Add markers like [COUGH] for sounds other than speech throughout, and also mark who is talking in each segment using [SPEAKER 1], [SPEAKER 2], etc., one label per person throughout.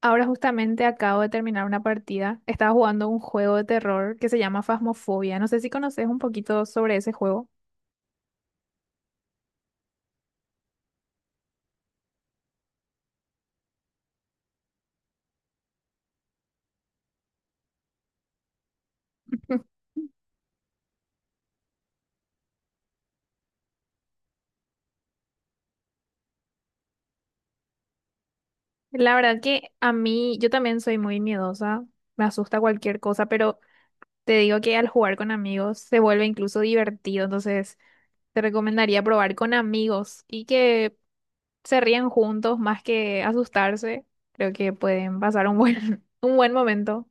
[SPEAKER 1] Ahora justamente acabo de terminar una partida. Estaba jugando un juego de terror que se llama Phasmophobia. No sé si conoces un poquito sobre ese juego. [LAUGHS] La verdad que a mí, yo también soy muy miedosa, me asusta cualquier cosa, pero te digo que al jugar con amigos se vuelve incluso divertido. Entonces te recomendaría probar con amigos y que se rían juntos más que asustarse. Creo que pueden pasar un buen, [LAUGHS] un buen momento.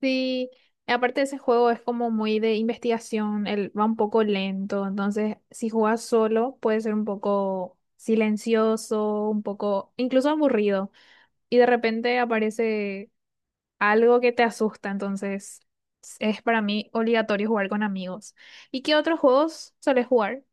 [SPEAKER 1] Sí, aparte ese juego es como muy de investigación, él va un poco lento, entonces si juegas solo puede ser un poco silencioso, un poco incluso aburrido, y de repente aparece algo que te asusta. Entonces es para mí obligatorio jugar con amigos. ¿Y qué otros juegos sueles jugar?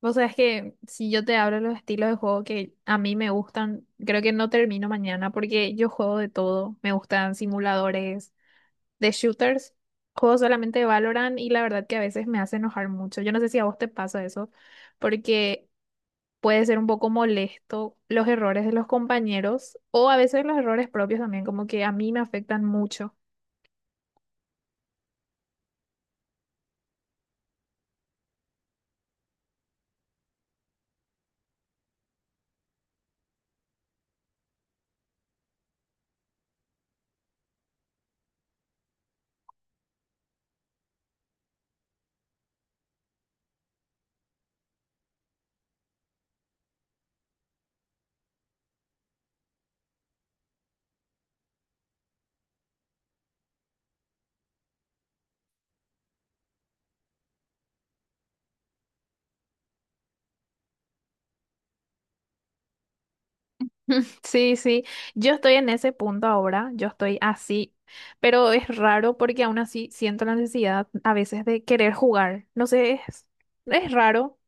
[SPEAKER 1] Vos sabés que si yo te hablo de los estilos de juego que a mí me gustan, creo que no termino mañana porque yo juego de todo. Me gustan simuladores de shooters, juego solamente de Valorant y la verdad que a veces me hace enojar mucho. Yo no sé si a vos te pasa eso, porque puede ser un poco molesto los errores de los compañeros o a veces los errores propios también, como que a mí me afectan mucho. [LAUGHS] Sí, sí, yo estoy en ese punto ahora, yo estoy así, pero es raro porque aún así siento la necesidad a veces de querer jugar, no sé, es raro.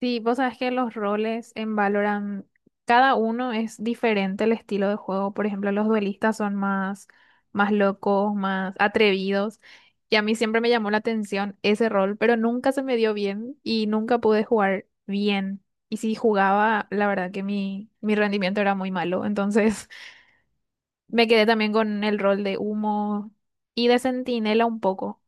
[SPEAKER 1] Sí, vos sabes que los roles en Valorant, cada uno es diferente el estilo de juego. Por ejemplo, los duelistas son más, más locos, más atrevidos. Y a mí siempre me llamó la atención ese rol, pero nunca se me dio bien y nunca pude jugar bien. Y si jugaba, la verdad que mi rendimiento era muy malo. Entonces [LAUGHS] me quedé también con el rol de humo y de centinela un poco.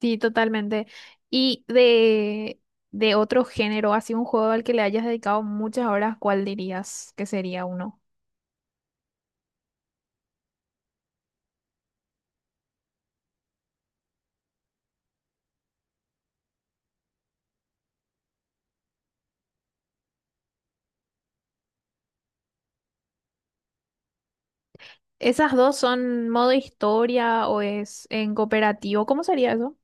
[SPEAKER 1] Sí, totalmente. Y de otro género, así un juego al que le hayas dedicado muchas horas, ¿cuál dirías que sería uno? ¿Esas dos son modo historia o es en cooperativo? ¿Cómo sería eso?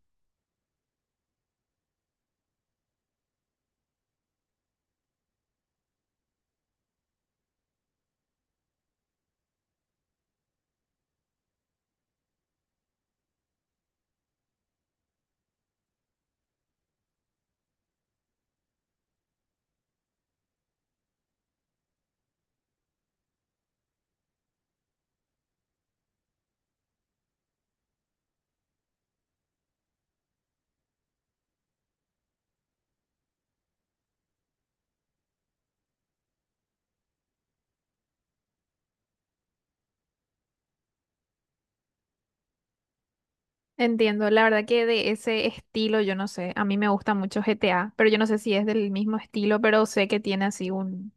[SPEAKER 1] Entiendo, la verdad que de ese estilo yo no sé. A mí me gusta mucho GTA, pero yo no sé si es del mismo estilo, pero sé que tiene así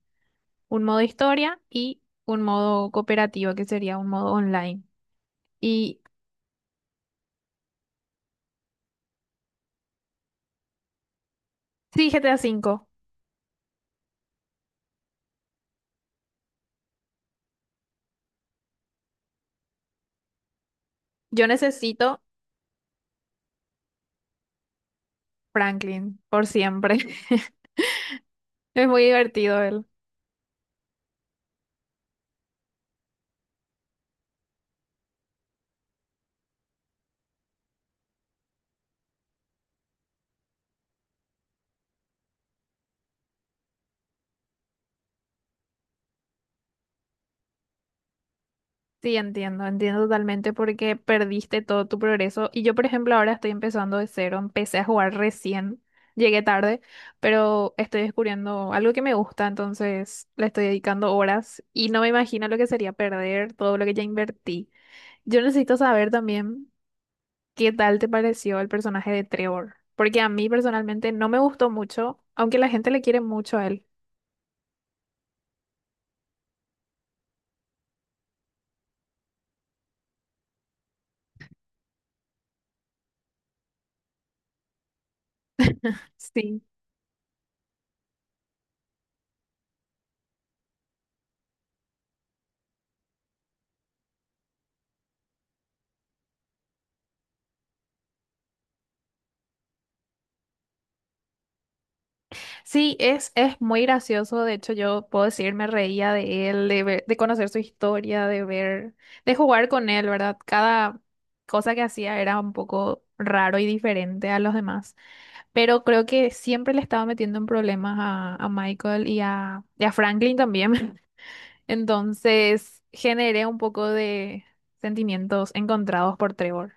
[SPEAKER 1] un modo historia y un modo cooperativo, que sería un modo online. Y sí, GTA 5. Yo necesito Franklin, por siempre. [LAUGHS] Es muy divertido él. Sí, entiendo, entiendo totalmente porque perdiste todo tu progreso. Y yo, por ejemplo, ahora estoy empezando de cero. Empecé a jugar recién, llegué tarde, pero estoy descubriendo algo que me gusta, entonces le estoy dedicando horas y no me imagino lo que sería perder todo lo que ya invertí. Yo necesito saber también qué tal te pareció el personaje de Trevor, porque a mí personalmente no me gustó mucho, aunque la gente le quiere mucho a él. Sí. Sí, es muy gracioso. De hecho, yo puedo decir, me reía de él, de conocer su historia, de ver, de jugar con él, ¿verdad? Cada cosa que hacía era un poco raro y diferente a los demás. Pero creo que siempre le estaba metiendo en problemas a Michael y a Franklin también. [LAUGHS] Entonces, generé un poco de sentimientos encontrados por Trevor.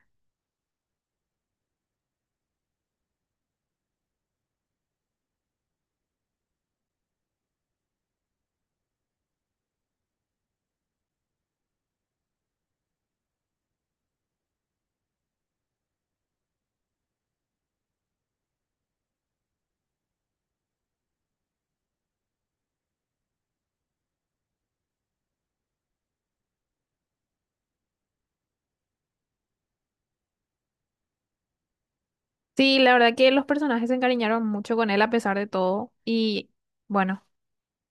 [SPEAKER 1] Sí, la verdad que los personajes se encariñaron mucho con él a pesar de todo. Y bueno,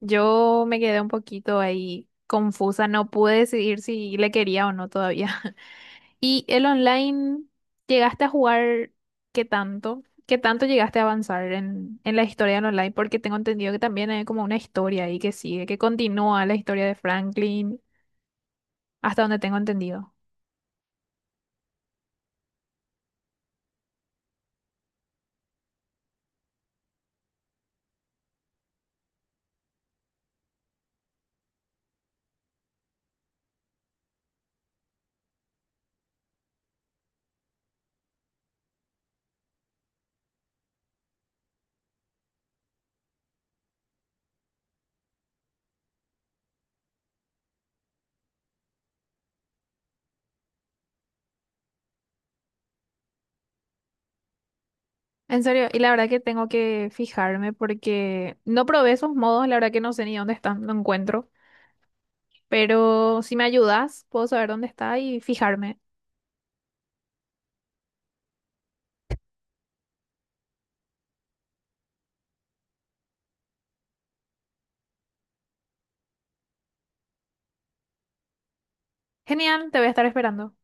[SPEAKER 1] yo me quedé un poquito ahí confusa, no pude decidir si le quería o no todavía. [LAUGHS] ¿Y el online, llegaste a jugar qué tanto? ¿Qué tanto llegaste a avanzar en la historia del online? Porque tengo entendido que también hay como una historia ahí que sigue, que continúa la historia de Franklin, hasta donde tengo entendido. En serio, y la verdad que tengo que fijarme porque no probé esos modos, la verdad que no sé ni dónde están, no encuentro. Pero si me ayudas, puedo saber dónde está y fijarme. Genial, te voy a estar esperando.